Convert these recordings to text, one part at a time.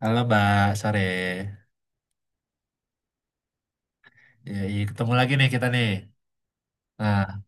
Halo Mbak, sore. Ya, iya, ketemu lagi nih kita nih. Nah,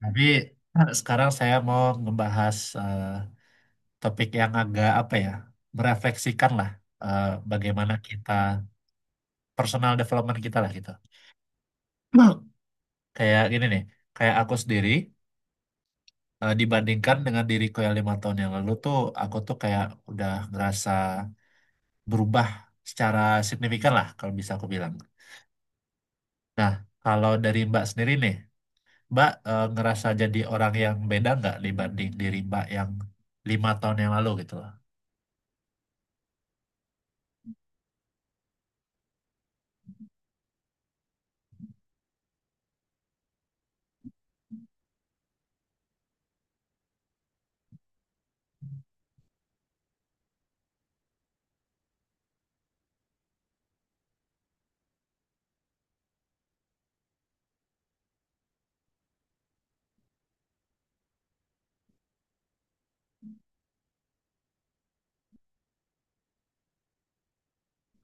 tapi sekarang saya mau ngebahas topik yang agak apa ya, merefleksikan lah eh, bagaimana kita personal development kita lah gitu. Nah. Kayak gini nih, kayak aku sendiri dibandingkan dengan diriku yang 5 tahun yang lalu tuh, aku tuh kayak udah ngerasa berubah secara signifikan lah kalau bisa aku bilang. Nah, kalau dari Mbak sendiri nih. Mbak ngerasa jadi orang yang beda nggak dibanding diri Mbak yang 5 tahun yang lalu gitu loh.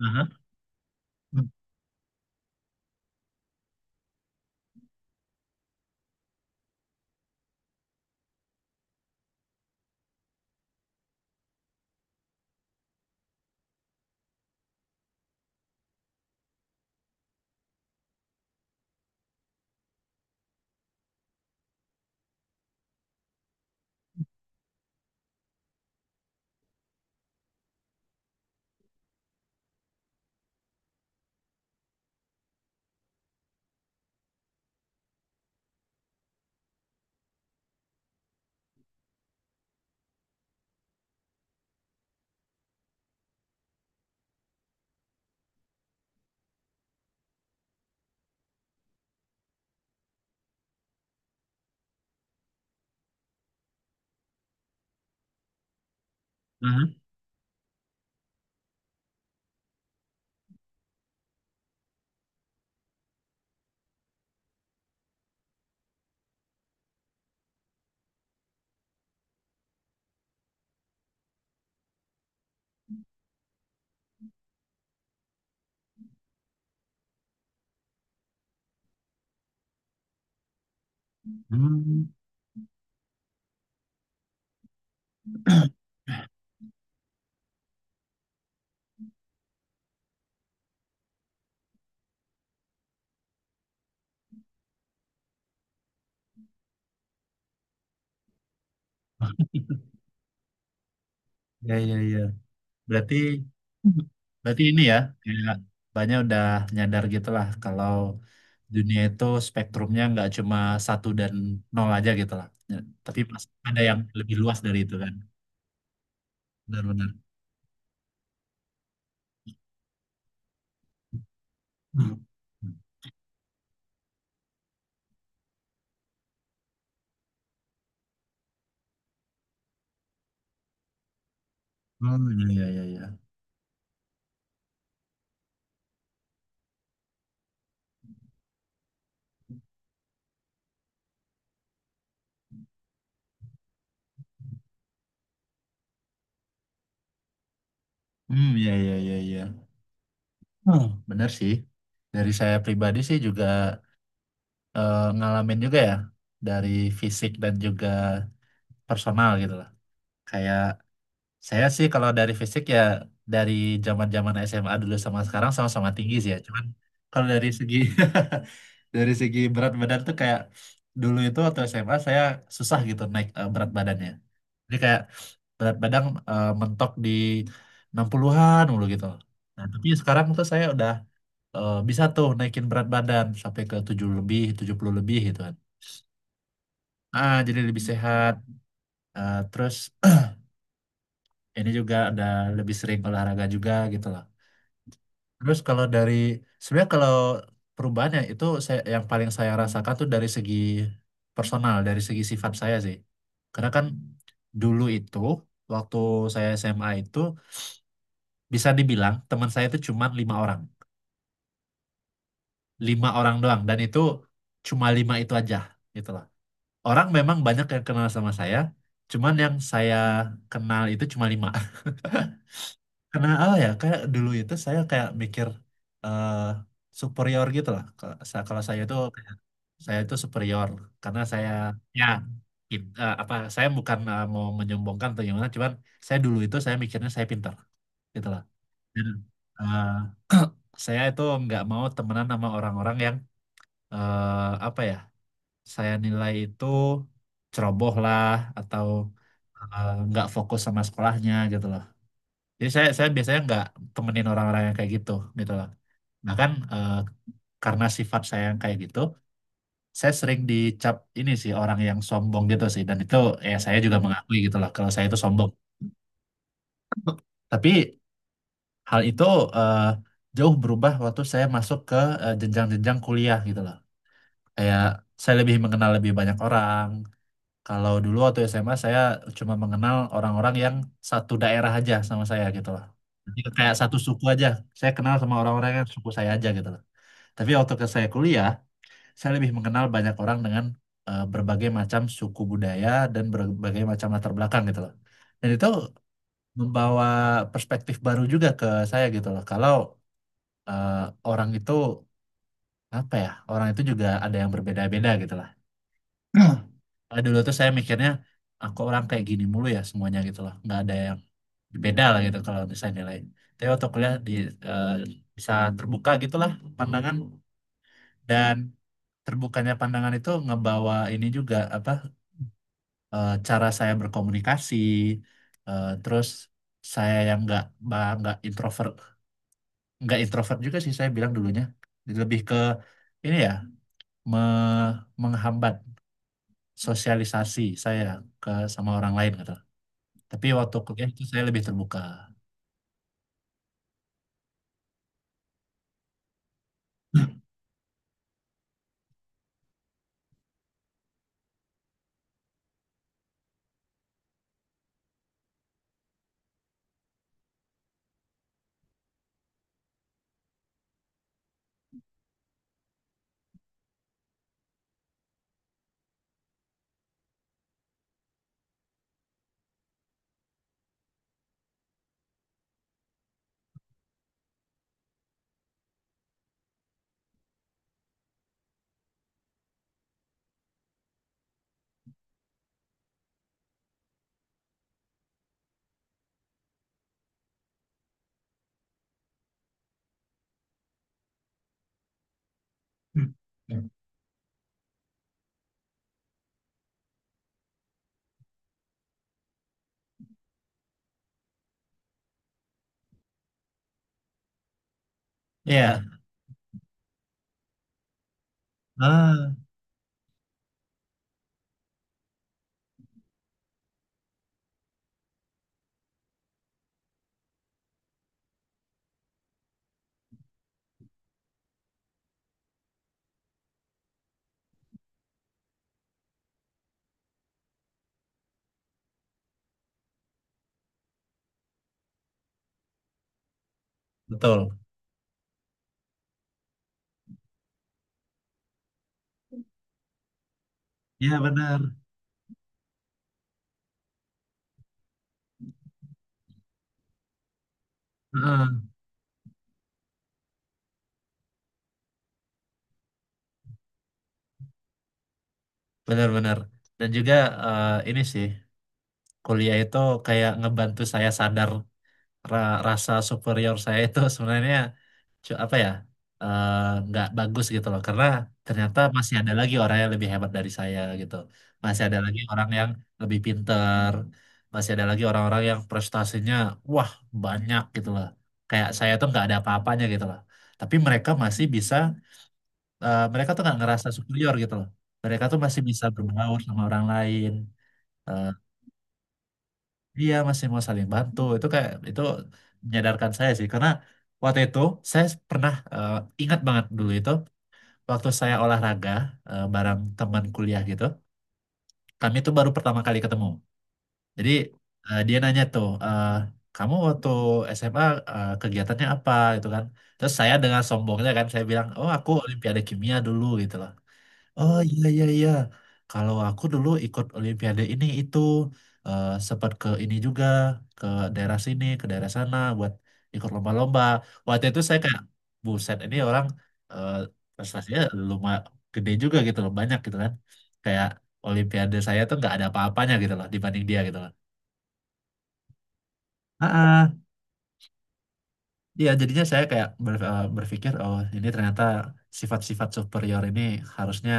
Aha. Hmm. Aha. Hmm, ya, ya, ya. Berarti berarti ini ya kayak banyak udah nyadar gitu lah kalau dunia itu spektrumnya nggak cuma satu dan nol aja gitu lah. Ya, tapi pasti ada yang lebih luas dari itu kan. Benar-benar. Hmm. Hmm. Ya, ya, ya. Hmm, ya, ya, iya, iya. Hmm, benar sih. Dari saya pribadi sih juga ngalamin juga ya dari fisik dan juga personal gitu lah. Kayak saya sih kalau dari fisik ya dari zaman-zaman SMA dulu sama sekarang sama-sama tinggi sih ya. Cuman kalau dari segi dari segi berat badan tuh kayak dulu itu waktu SMA saya susah gitu naik berat badannya. Jadi kayak berat badan mentok di 60-an mulu gitu. Nah, tapi sekarang tuh saya udah bisa tuh naikin berat badan sampai ke 7 lebih, 70 lebih gitu kan, ah, jadi lebih sehat. Ah, terus ini juga ada lebih sering olahraga juga gitu loh. Terus kalau dari sebenarnya, kalau perubahannya itu saya, yang paling saya rasakan tuh dari segi personal, dari segi sifat saya sih. Karena kan dulu itu waktu saya SMA itu bisa dibilang teman saya itu cuma lima orang, lima orang doang, dan itu cuma lima itu aja gitu loh. Orang memang banyak yang kenal sama saya, cuman yang saya kenal itu cuma lima. Karena apa ya? Kayak dulu itu saya kayak mikir eh superior gitu lah. Kalau kalau saya itu kayak, saya itu superior karena saya, ya, apa, saya bukan mau menyombongkan atau gimana, cuman saya dulu itu saya mikirnya saya pintar gitu lah. Dan eh, saya itu nggak mau temenan sama orang-orang yang apa ya? Saya nilai itu ceroboh lah atau nggak fokus sama sekolahnya gitu. Jadi saya biasanya nggak temenin orang-orang yang kayak gitu gitu loh. Bahkan karena sifat saya yang kayak gitu, saya sering dicap ini sih orang yang sombong gitu sih. Dan itu ya saya juga mengakui gitu loh kalau saya itu sombong. Tapi hal itu eh, jauh berubah waktu saya masuk ke jenjang-jenjang kuliah gitu loh. Kayak saya lebih mengenal lebih banyak orang. Kalau dulu waktu SMA saya cuma mengenal orang-orang yang satu daerah aja sama saya gitu loh. Jadi kayak satu suku aja. Saya kenal sama orang-orang yang suku saya aja gitu loh. Tapi waktu ke saya kuliah, saya lebih mengenal banyak orang dengan berbagai macam suku budaya dan berbagai macam latar belakang gitu loh. Dan itu membawa perspektif baru juga ke saya gitu loh. Kalau eh, orang itu apa ya? Orang itu juga ada yang berbeda-beda gitu lah. Dulu tuh saya mikirnya aku orang kayak gini mulu ya semuanya gitu loh, nggak ada yang beda lah gitu kalau misalnya nilai. Tapi waktu kuliah di eh, bisa terbuka gitulah pandangan. Dan terbukanya pandangan itu ngebawa ini juga apa cara saya berkomunikasi, terus saya yang nggak ba- nggak introvert nggak introvert juga sih saya bilang dulunya lebih ke ini ya me- menghambat sosialisasi saya ke sama orang lain gitu. Tapi waktu kuliah itu saya lebih terbuka. Hmm. Hmm. Iya, ah, betul. Iya, benar. Heeh. Benar-benar. Dan juga ini sih kuliah itu kayak ngebantu saya sadar rasa superior saya itu sebenarnya cu- apa ya eh, nggak bagus gitu loh karena ternyata masih ada lagi orang yang lebih hebat dari saya gitu, masih ada lagi orang yang lebih pinter, masih ada lagi orang-orang yang prestasinya wah banyak gitu loh, kayak saya tuh nggak ada apa-apanya gitu loh, tapi mereka masih bisa, mereka tuh nggak ngerasa superior gitu loh, mereka tuh masih bisa berbaur sama orang lain. Eh, Dia masih mau saling bantu, itu kayak itu menyadarkan saya sih, karena waktu itu saya pernah, ingat banget dulu itu, waktu saya olahraga bareng teman kuliah gitu, kami tuh baru pertama kali ketemu. Jadi dia nanya tuh, eh, kamu waktu SMA kegiatannya apa gitu kan? Terus saya dengan sombongnya kan saya bilang, oh, aku Olimpiade Kimia dulu gitu loh. Oh, iya, iya, iya. Kalau aku dulu ikut Olimpiade ini itu, sempat ke ini juga, ke daerah sini ke daerah sana buat ikut lomba-lomba. Waktu itu saya kayak, buset ini orang, eh, prestasinya lumayan gede juga gitu loh, banyak gitu kan. Kayak Olimpiade saya tuh nggak ada apa-apanya gitu loh dibanding dia gitu loh. Ah, ah. Iya, jadinya saya kayak berpikir, oh ini ternyata sifat-sifat superior ini harusnya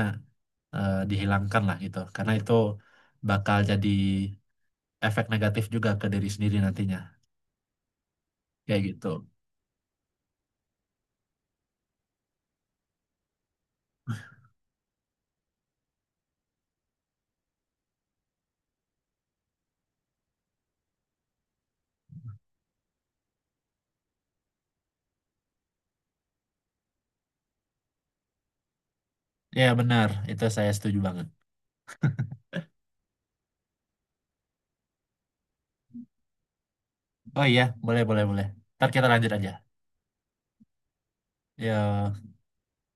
dihilangkan lah gitu karena itu bakal jadi efek negatif juga ke diri sendiri nantinya, kayak gitu. Ya, benar, itu saya setuju banget. Oh, iya, boleh boleh boleh, ntar kita lanjut aja, ya.